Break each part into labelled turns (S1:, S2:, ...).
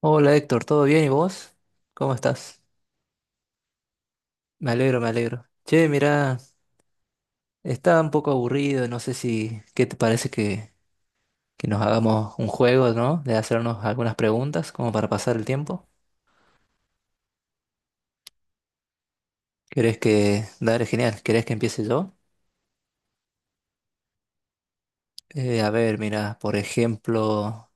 S1: Hola Héctor, ¿todo bien? ¿Y vos? ¿Cómo estás? Me alegro, me alegro. Che, mira, estaba un poco aburrido, no sé si, ¿qué te parece que nos hagamos un juego, ¿no? De hacernos algunas preguntas como para pasar el tiempo. ¿Querés que... Dale, genial, ¿querés que empiece yo? A ver, mira, por ejemplo,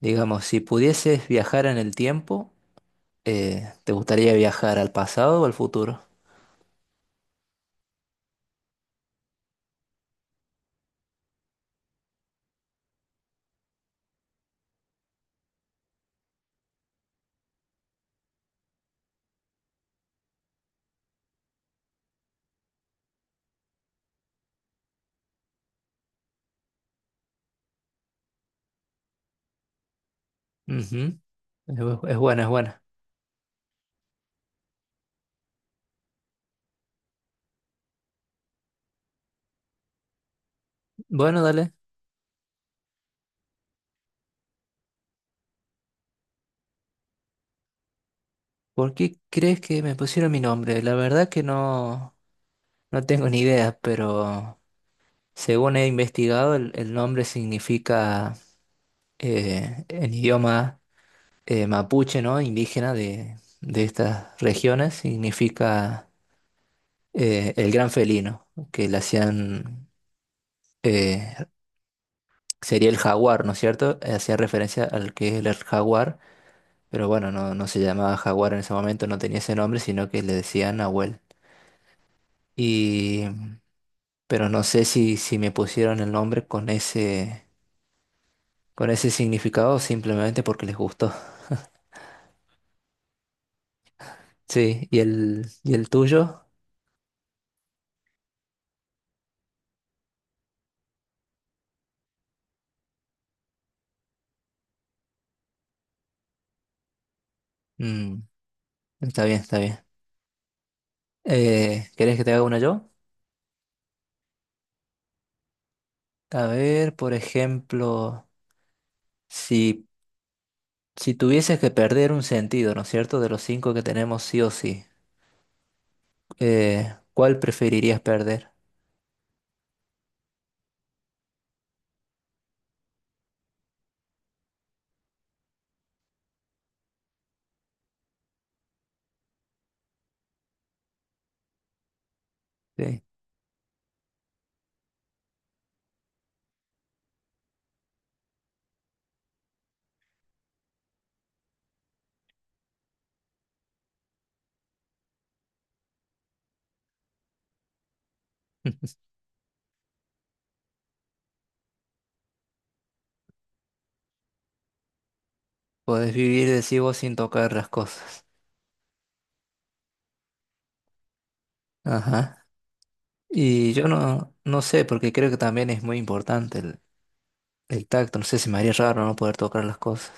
S1: digamos, si pudieses viajar en el tiempo, ¿te gustaría viajar al pasado o al futuro? Ujú. Es buena, es buena. Bueno, dale. ¿Por qué crees que me pusieron mi nombre? La verdad que no, no tengo ni idea, pero según he investigado, el nombre significa en idioma mapuche, ¿no? Indígena de estas regiones, significa el gran felino, que le hacían, eh, sería el jaguar, ¿no es cierto? Hacía referencia al que es el jaguar, pero bueno, no, no se llamaba jaguar en ese momento, no tenía ese nombre, sino que le decían Nahuel. Y. Pero no sé si, si me pusieron el nombre con ese significado o simplemente porque les gustó. Sí, ¿y el tuyo? Mm, está bien, está bien. ¿Querés que te haga una yo? A ver, por ejemplo, si, si tuvieses que perder un sentido, ¿no es cierto? De los cinco que tenemos sí o sí, ¿cuál preferirías perder? Sí. Podés vivir, decís vos, sin tocar las cosas. Ajá. Y yo no, no sé, porque creo que también es muy importante el tacto, no sé, se me haría raro no poder tocar las cosas.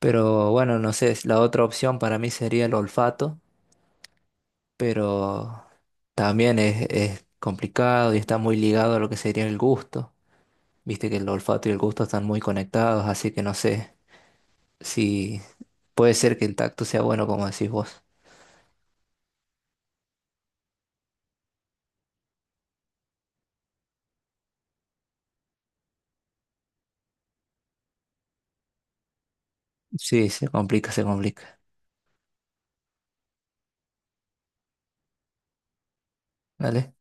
S1: Pero bueno, no sé, la otra opción para mí sería el olfato, pero también es complicado y está muy ligado a lo que sería el gusto. Viste que el olfato y el gusto están muy conectados, así que no sé si puede ser que el tacto sea bueno como decís vos. Sí, se complica, se complica. ¿Vale?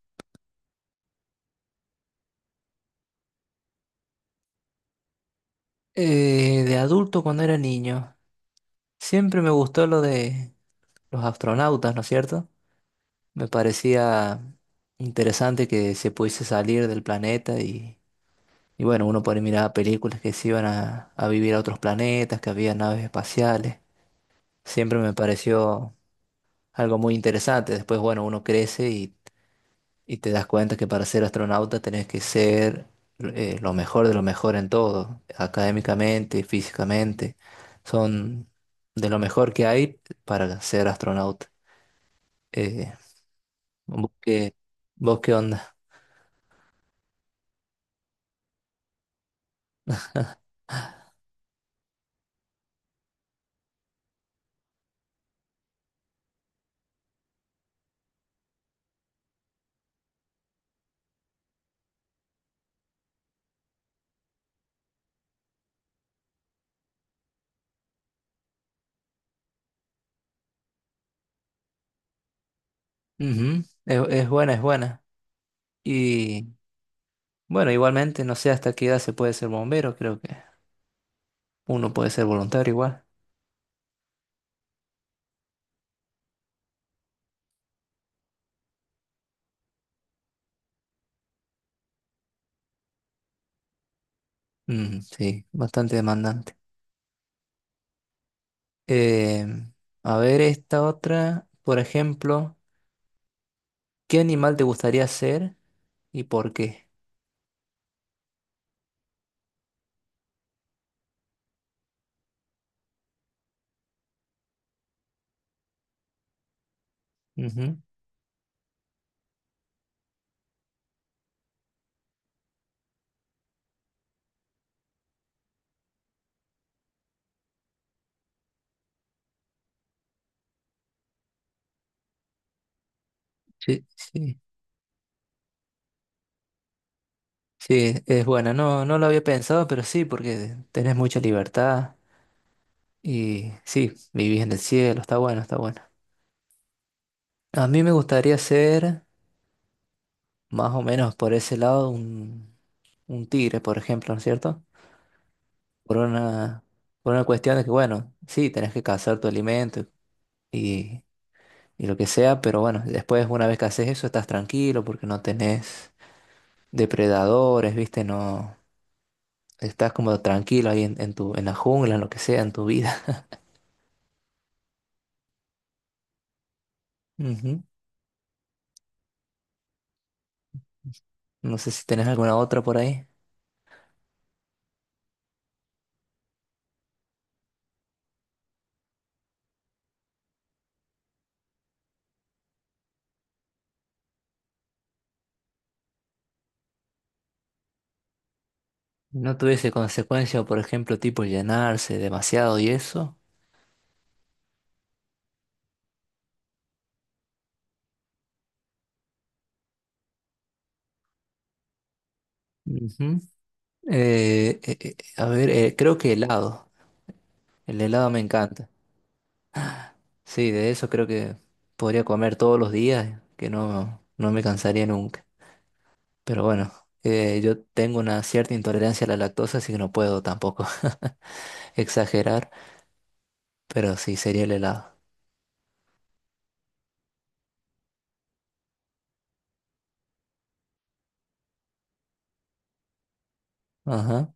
S1: De adulto cuando era niño, siempre me gustó lo de los astronautas, ¿no es cierto? Me parecía interesante que se pudiese salir del planeta y bueno, uno por ahí miraba películas que se iban a vivir a otros planetas, que había naves espaciales. Siempre me pareció algo muy interesante. Después, bueno, uno crece y te das cuenta que para ser astronauta tenés que ser lo mejor de lo mejor en todo, académicamente, físicamente. Son de lo mejor que hay para ser astronauta. Eh, ¿Vos qué, vos qué onda? Ujú. Es buena, es buena. Y bueno, igualmente, no sé hasta qué edad se puede ser bombero, creo que uno puede ser voluntario igual. Mm, sí, bastante demandante. Eh, a ver esta otra, por ejemplo, ¿qué animal te gustaría ser y por qué? Ujú. Sí, sí, sí, es buena. No, no lo había pensado, pero sí, porque tenés mucha libertad y sí, vivís en el cielo, está bueno, está bueno. A mí me gustaría ser... más o menos por ese lado un tigre, por ejemplo, ¿no es cierto? Por una, por una cuestión de que, bueno, sí, tenés que cazar tu alimento y, y lo que sea, pero bueno, después una vez que haces eso estás tranquilo porque no tenés depredadores, ¿viste? No, estás como tranquilo ahí en tu, en la jungla, en lo que sea, en tu vida. Ujú. No sé si tenés alguna otra por ahí. No tuviese consecuencia, por ejemplo, tipo llenarse demasiado y eso. Ujú. A ver, creo que helado. El helado me encanta. Sí, de eso creo que podría comer todos los días, que no, no me cansaría nunca. Pero bueno, yo tengo una cierta intolerancia a la lactosa, así que no puedo tampoco exagerar, pero sí, sería el helado. Ajá,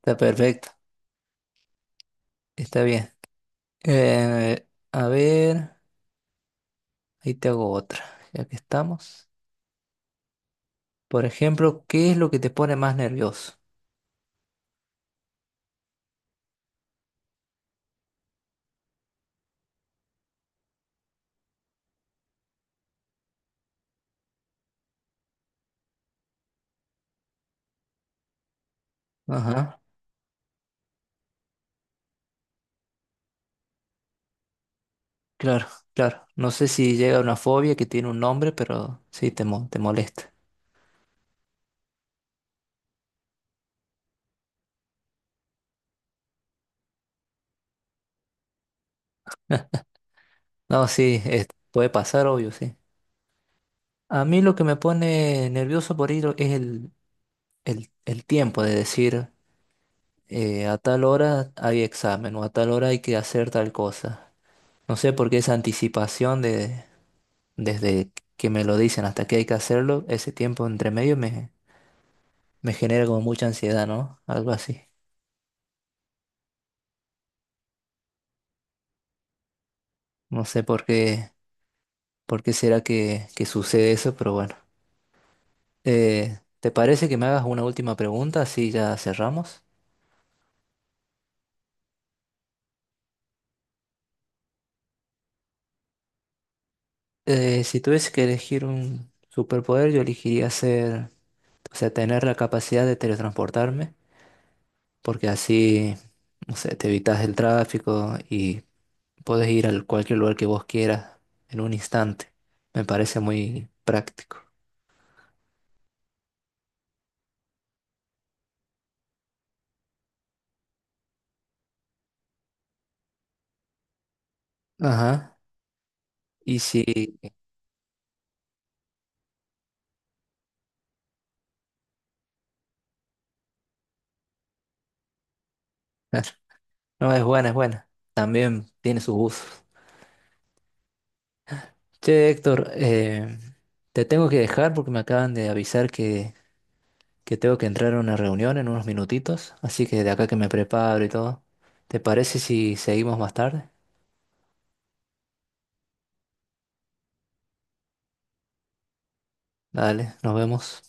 S1: está perfecto, está bien. Eh, a ver, ahí te hago otra, ya que estamos. Por ejemplo, ¿qué es lo que te pone más nervioso? Ajá. Claro, claro. No sé si llega una fobia que tiene un nombre, pero sí, te molesta. No, sí, es- Puede pasar, obvio, sí. A mí lo que me pone nervioso por ir es el tiempo de decir, a tal hora hay examen o a tal hora hay que hacer tal cosa. No sé por qué esa anticipación de, desde que me lo dicen hasta que hay que hacerlo, ese tiempo entre medio me, me genera como mucha ansiedad, ¿no? Algo así. No sé por qué será que sucede eso, pero bueno. ¿Te parece que me hagas una última pregunta? Así ya cerramos. Si tuviese que elegir un superpoder, yo elegiría ser, o sea, tener la capacidad de teletransportarme, porque así, no sé, te evitas el tráfico y puedes ir a cualquier lugar que vos quieras en un instante. Me parece muy práctico. Ajá. Y si... No, es buena, es buena. También tiene sus usos. Che, Héctor, te tengo que dejar porque me acaban de avisar que tengo que entrar a una reunión en unos minutitos, así que de acá que me preparo y todo. ¿Te parece si seguimos más tarde? Dale, nos vemos.